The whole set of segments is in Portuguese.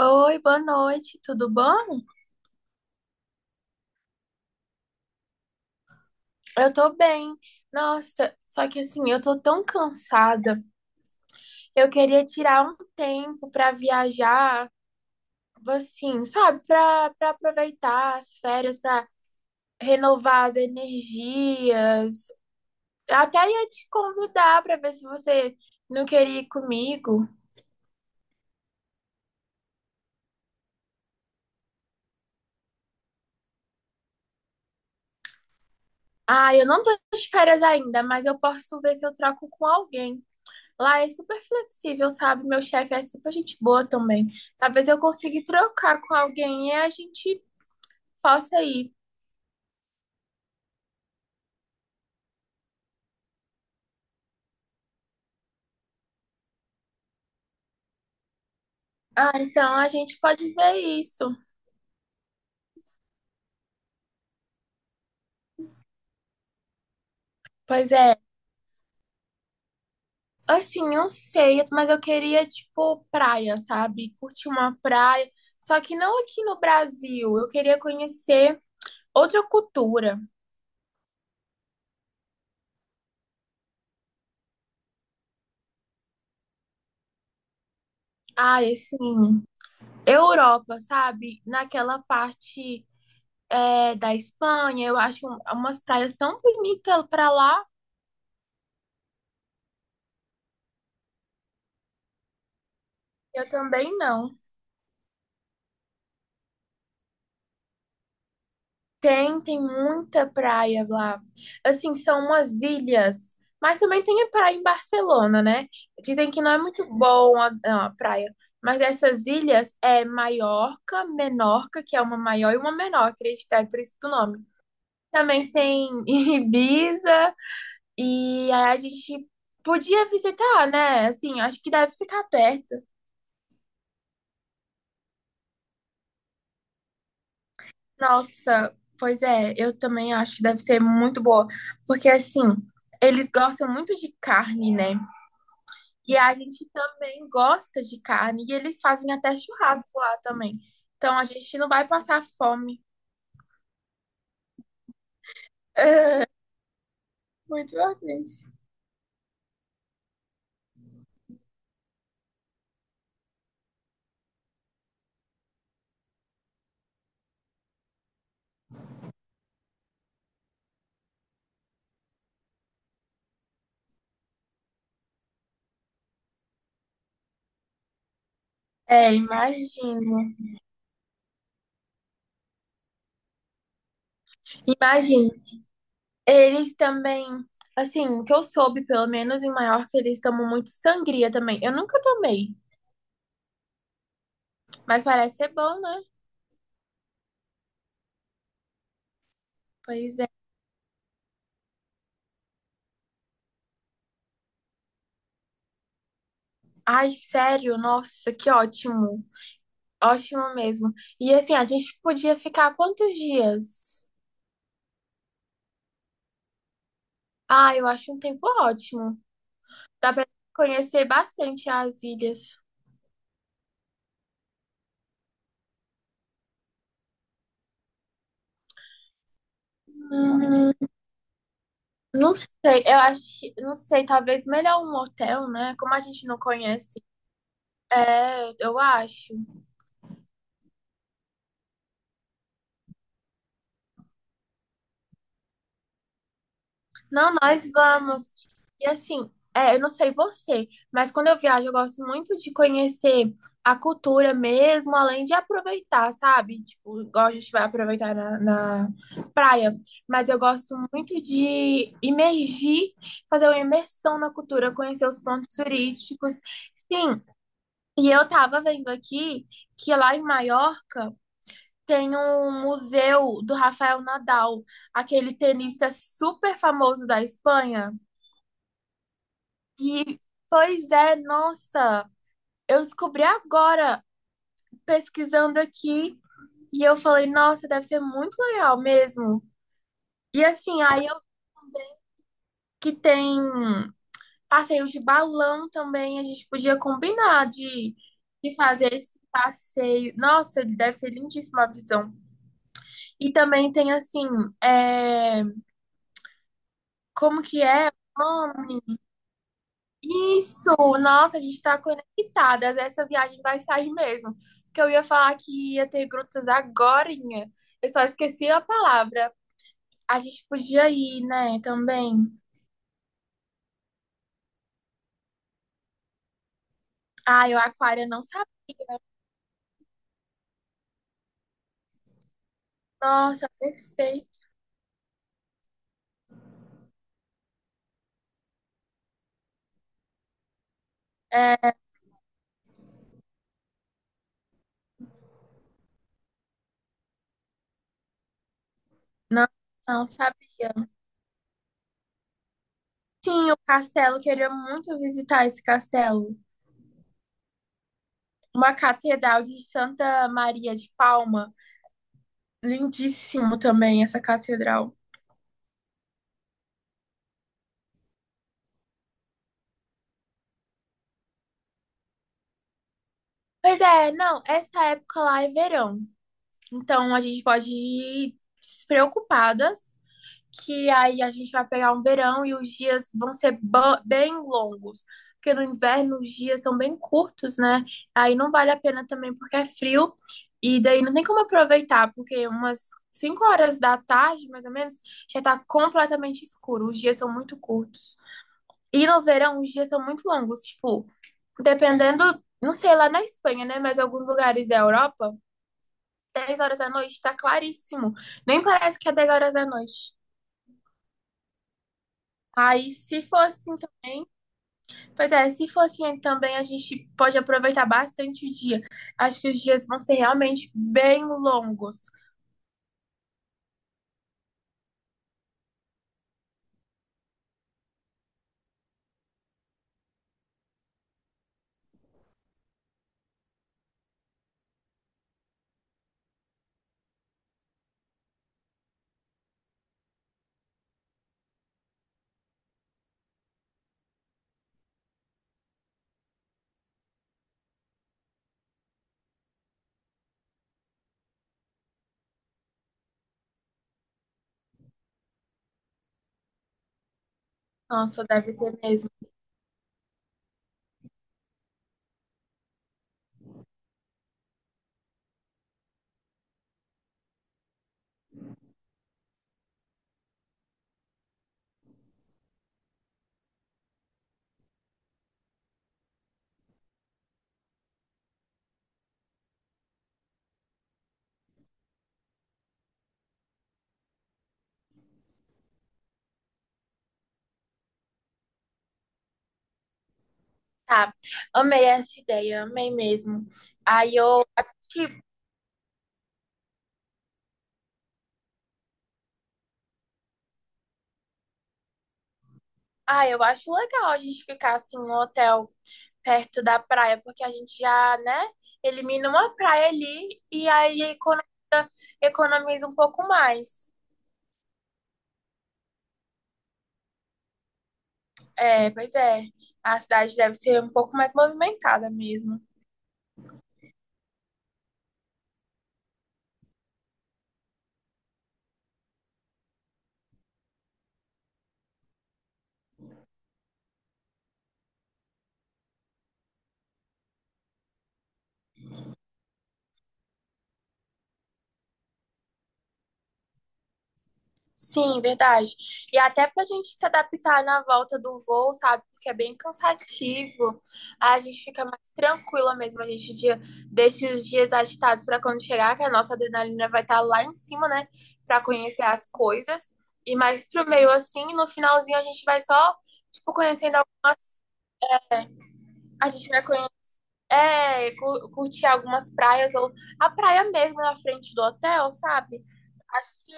Oi, boa noite, tudo bom? Eu tô bem. Nossa, só que assim, eu tô tão cansada. Eu queria tirar um tempo pra viajar, assim, sabe? Pra para aproveitar as férias, pra renovar as energias. Até ia te convidar pra ver se você não queria ir comigo. Ah, eu não tô de férias ainda, mas eu posso ver se eu troco com alguém. Lá é super flexível, sabe? Meu chefe é super gente boa também. Talvez eu consiga trocar com alguém e a gente possa ir. Ah, então a gente pode ver isso. Pois é. Assim, não sei, mas eu queria, tipo, praia, sabe? Curtir uma praia. Só que não aqui no Brasil. Eu queria conhecer outra cultura. Ah, assim, Europa, sabe? Naquela parte, é, da Espanha, eu acho umas praias tão bonitas pra lá. Eu também não. Tem, tem muita praia lá. Assim, são umas ilhas, mas também tem a praia em Barcelona, né? Dizem que não é muito bom a, não, a praia, mas essas ilhas é Maiorca, Menorca, que é uma maior e uma menor, acredito, é por isso do nome. Também tem Ibiza, e aí a gente podia visitar, né? Assim, acho que deve ficar perto. Nossa, pois é, eu também acho que deve ser muito boa, porque assim, eles gostam muito de carne, né? E a gente também gosta de carne, e eles fazem até churrasco lá também. Então a gente não vai passar fome. Muito bacante. É, imagino. Imagino. Eles também, assim, o que eu soube, pelo menos em Maiorca, eles tomam muito sangria também. Eu nunca tomei, mas parece ser bom, né? Pois é. Ai, sério, nossa, que ótimo. Ótimo mesmo. E assim, a gente podia ficar quantos dias? Ah, eu acho um tempo ótimo. Dá pra conhecer bastante as ilhas. Hum, não sei, eu acho, não sei, talvez melhor um hotel, né? Como a gente não conhece, é, eu acho. Não, nós vamos. E assim, é, eu não sei você, mas quando eu viajo, eu gosto muito de conhecer a cultura mesmo, além de aproveitar, sabe? Tipo, igual a gente vai aproveitar na praia. Mas eu gosto muito de imergir, fazer uma imersão na cultura, conhecer os pontos turísticos. Sim, e eu tava vendo aqui que lá em Maiorca tem um museu do Rafael Nadal, aquele tenista super famoso da Espanha. E, pois é, nossa, eu descobri agora, pesquisando aqui, e eu falei, nossa, deve ser muito legal mesmo. E assim, aí eu que tem passeios de balão também, a gente podia combinar de fazer esse passeio. Nossa, deve ser lindíssima a visão. E também tem assim, é, como que é? O nome? Isso, nossa, a gente está conectadas. Essa viagem vai sair mesmo. Porque eu ia falar que ia ter grutas agorinha. Eu só esqueci a palavra. A gente podia ir, né? Também. Ah, eu aquário eu não sabia. Nossa, perfeito. É, não, não sabia. Sim, o castelo, queria muito visitar esse castelo. Uma catedral de Santa Maria de Palma. Lindíssimo também essa catedral. Pois é, não, essa época lá é verão. Então a gente pode ir despreocupadas, que aí a gente vai pegar um verão e os dias vão ser bem longos. Porque no inverno os dias são bem curtos, né? Aí não vale a pena também porque é frio. E daí não tem como aproveitar, porque umas 5 horas da tarde, mais ou menos, já tá completamente escuro. Os dias são muito curtos. E no verão os dias são muito longos. Tipo, dependendo, não sei, lá na Espanha, né? Mas alguns lugares da Europa 10 horas da noite, tá claríssimo. Nem parece que é 10 horas da noite. Aí, se for assim também, pois é, se for assim também, a gente pode aproveitar bastante o dia. Acho que os dias vão ser realmente bem longos. Nossa, deve ter mesmo. Tá, amei essa ideia, amei mesmo. Aí eu, tipo, ah, eu acho legal a gente ficar assim no hotel perto da praia, porque a gente já, né, elimina uma praia ali e aí economiza, economiza um pouco mais. É, pois é. A cidade deve ser um pouco mais movimentada mesmo. Sim, verdade. E até para a gente se adaptar na volta do voo, sabe? Porque é bem cansativo. A gente fica mais tranquila mesmo. Deixa os dias agitados para quando chegar, que a nossa adrenalina vai estar lá em cima, né? Para conhecer as coisas. E mais pro meio assim, no finalzinho a gente vai só, tipo, conhecendo. A gente vai conhecer, é, curtir algumas praias ou a praia mesmo na frente do hotel, sabe? Acho que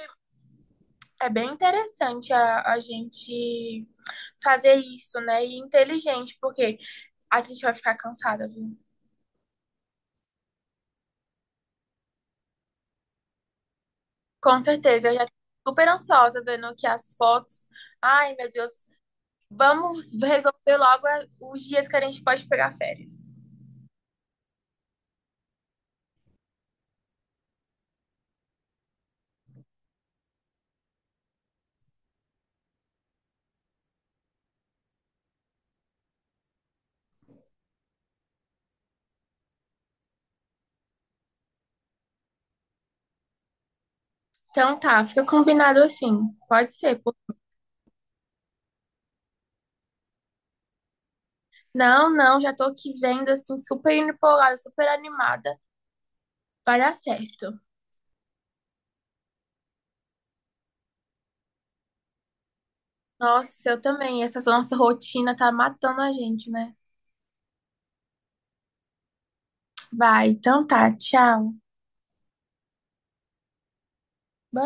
é bem interessante a gente fazer isso, né? E inteligente, porque a gente vai ficar cansada, viu? Com certeza, eu já tô super ansiosa vendo aqui as fotos. Ai, meu Deus, vamos resolver logo os dias que a gente pode pegar férias. Então tá, fica combinado assim. Pode ser. Pô. Não, não, já tô aqui vendo assim, super empolgada, super animada. Vai dar certo. Nossa, eu também. Essa nossa rotina tá matando a gente, né? Vai, então tá, tchau. Boa